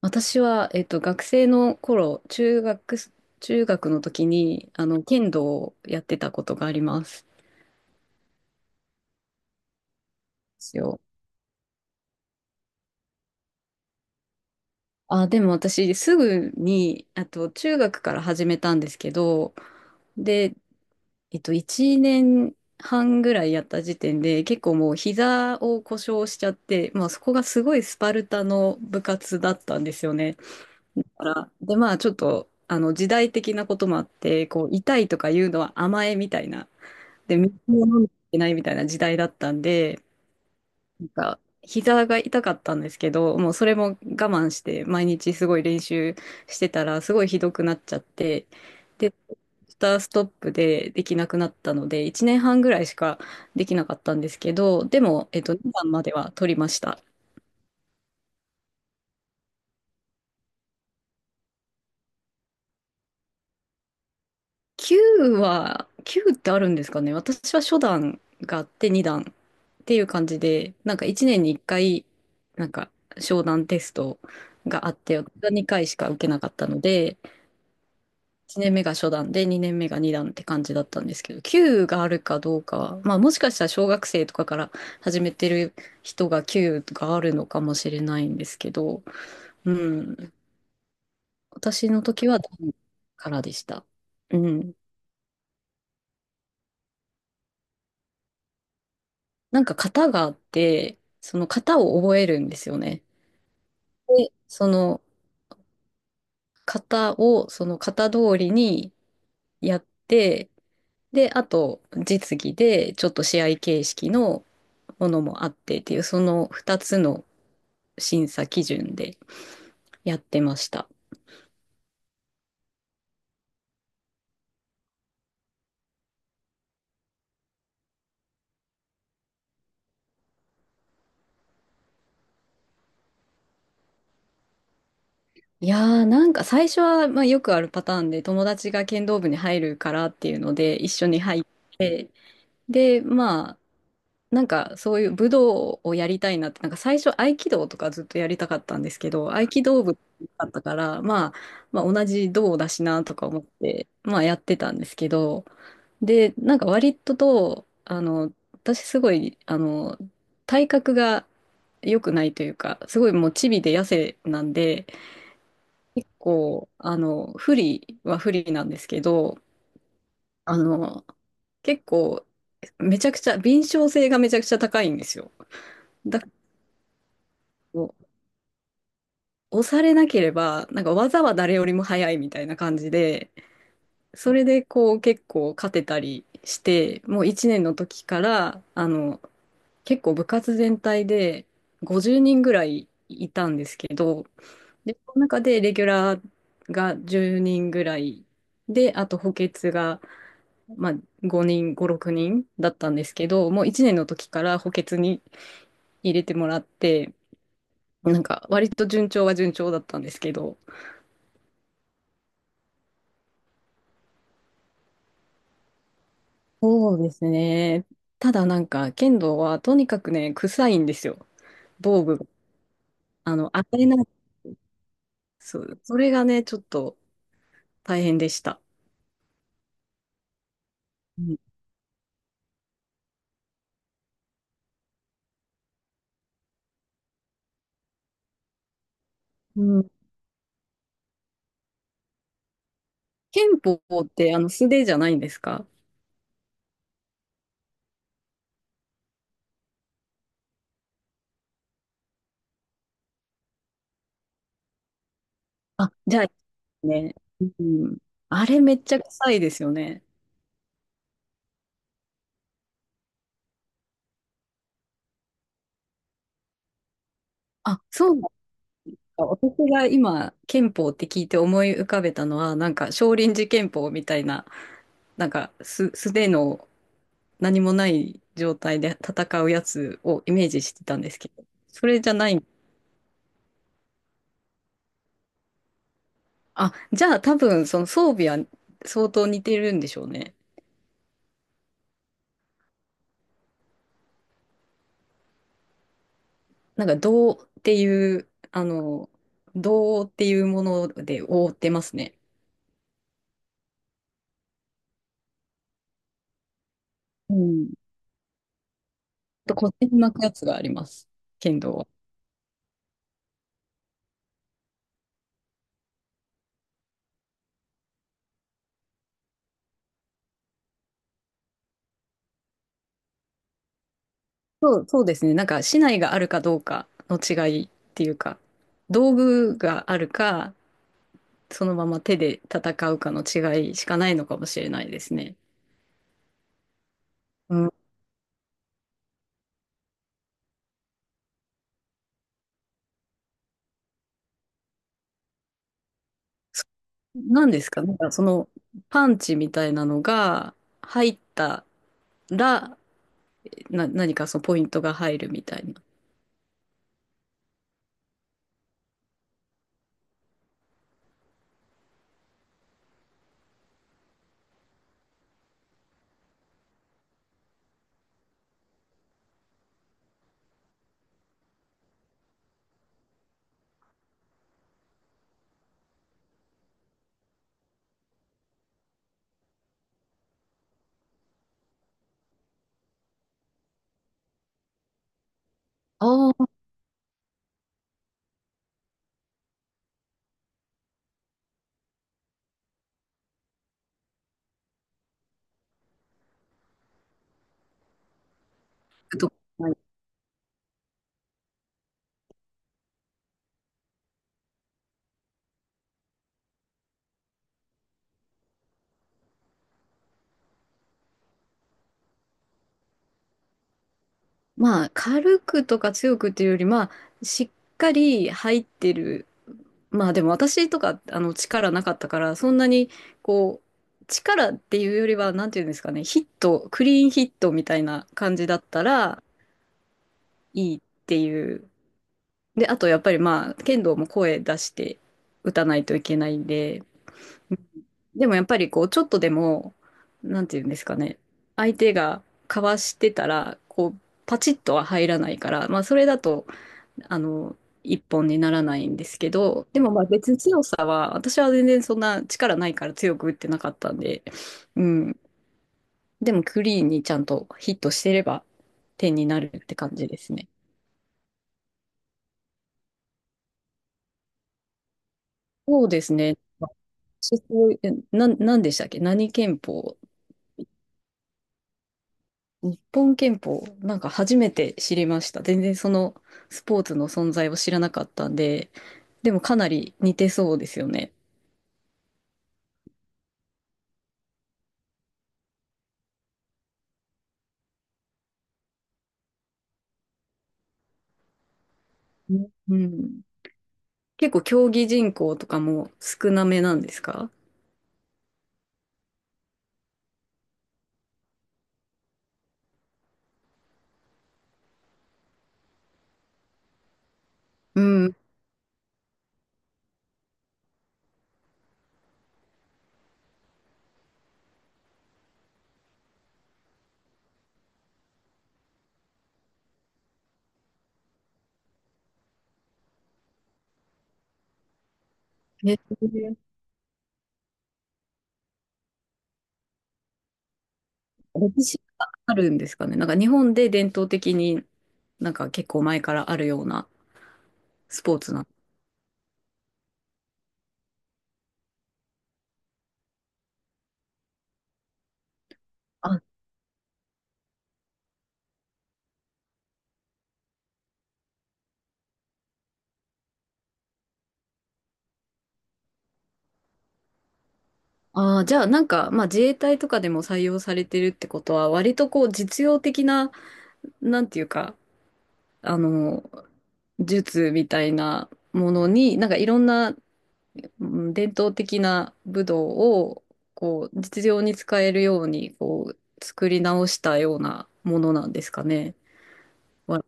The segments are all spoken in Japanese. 私は、学生の頃、中学の時に、剣道をやってたことがありますですよ。あ、でも私、すぐに、あと、中学から始めたんですけど、で、1年半ぐらいやった時点で、結構もう膝を故障しちゃって、まあ、そこがすごいスパルタの部活だったんですよね。だから、で、まあ、ちょっと、時代的なこともあって、こう、痛いとかいうのは甘えみたいな。で、水を飲んでいけないみたいな時代だったんで、なんか、膝が痛かったんですけど、もうそれも我慢して、毎日すごい練習してたら、すごいひどくなっちゃって、で、スターストップでできなくなったので、1年半ぐらいしかできなかったんですけど、でも、2番までは取りました。9は、9ってあるんですかね。私は初段があって2段っていう感じで、なんか1年に1回、なんか商談テストがあって、私は2回しか受けなかったので、1年目が初段で2年目が2段って感じだったんですけど、9があるかどうかは、まあもしかしたら小学生とかから始めてる人が9があるのかもしれないんですけど、うん、私の時は段からでした。うん。なんか型があって、その型を覚えるんですよね。で、その型をその型通りにやって、で、あと実技でちょっと試合形式のものもあってっていう、その2つの審査基準でやってました。いやーなんか最初は、まあ、よくあるパターンで友達が剣道部に入るからっていうので一緒に入って、でまなんかそういう武道をやりたいなって、なんか最初合気道とかずっとやりたかったんですけど、合気道部だったから、まあ、同じ道だしなとか思って、まあやってたんですけど、で、なんか割とと、私すごい、体格が良くないというか、すごいもうチビで痩せなんで、結構、不利は不利なんですけど、あの、結構、めちゃくちゃ、敏捷性がめちゃくちゃ高いんですよ。だこう押されなければ、なんか技は誰よりも早いみたいな感じで、それでこう結構勝てたりして、もう1年の時から、結構部活全体で50人ぐらいいたんですけど、で、その中でレギュラーが10人ぐらいで、あと補欠が、まあ、5人、5、6人だったんですけど、もう1年の時から補欠に入れてもらって、なんか割と順調は順調だったんですけど、そうですね。ただなんか、剣道はとにかくね、臭いんですよ。防具が。当たりない。そう、それがね、ちょっと大変でした。うん。うん。剣法って、素手じゃないんですか？あ、じゃあ、ね。うん。あれめっちゃ臭いですよね。あ、そうなんですか。私が今、剣法って聞いて思い浮かべたのは、なんか、少林寺拳法みたいな、なんか、素手の何もない状態で戦うやつをイメージしてたんですけど、それじゃない。あ、じゃあ多分その装備は相当似てるんでしょうね。なんか銅っていう、あの、銅っていうもので覆ってますね。うん。と、腰に巻くやつがあります。剣道は。そう、そうですね。なんか、竹刀があるかどうかの違いっていうか、道具があるか、そのまま手で戦うかの違いしかないのかもしれないですね。うん。何ですか？なんかそのパンチみたいなのが入ったら、何かそのポイントが入るみたいな。ああ、とはいまあ、軽くとか強くっていうより、まあ、しっかり入ってる。まあ、でも私とか、力なかったから、そんなに、こう、力っていうよりは、なんていうんですかね、ヒット、クリーンヒットみたいな感じだったらいいっていう。で、あと、やっぱりまあ、剣道も声出して打たないといけないんで、でもやっぱりこう、ちょっとでも、なんていうんですかね、相手がかわしてたら、こう、パチッとは入らないから、まあそれだと、あの、一本にならないんですけど、でもまあ別に強さは、私は全然そんな力ないから強く打ってなかったんで、うん。でもクリーンにちゃんとヒットしてれば点になるって感じですね。そうですね。そこ、えな、なんでしたっけ何拳法？日本拳法、なんか初めて知りました。全然そのスポーツの存在を知らなかったんで、でもかなり似てそうですよね。うん。結構競技人口とかも少なめなんですか？うん。え、歴史があるんですかね。なんか日本で伝統的になんか結構前からあるようなスポーツなの。あ、あー、じゃあなんか、まあ自衛隊とかでも採用されてるってことは、割とこう実用的な、なんていうか、あの、術みたいなものに、なんかいろんな、うん、伝統的な武道を、こう、実用に使えるように、こう、作り直したようなものなんですかね。わ。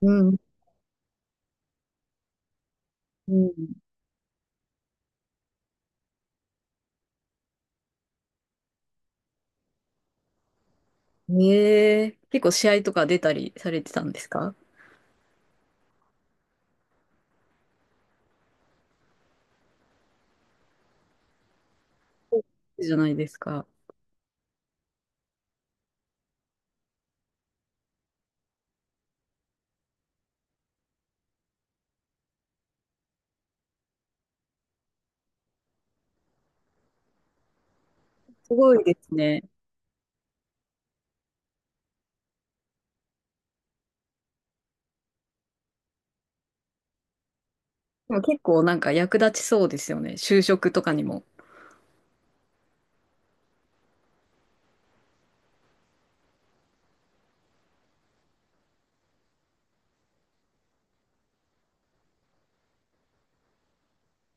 うん。うん。ええ、結構試合とか出たりされてたんですか？そうじゃないですか。すごいですね。でも結構なんか役立ちそうですよね。就職とかにも。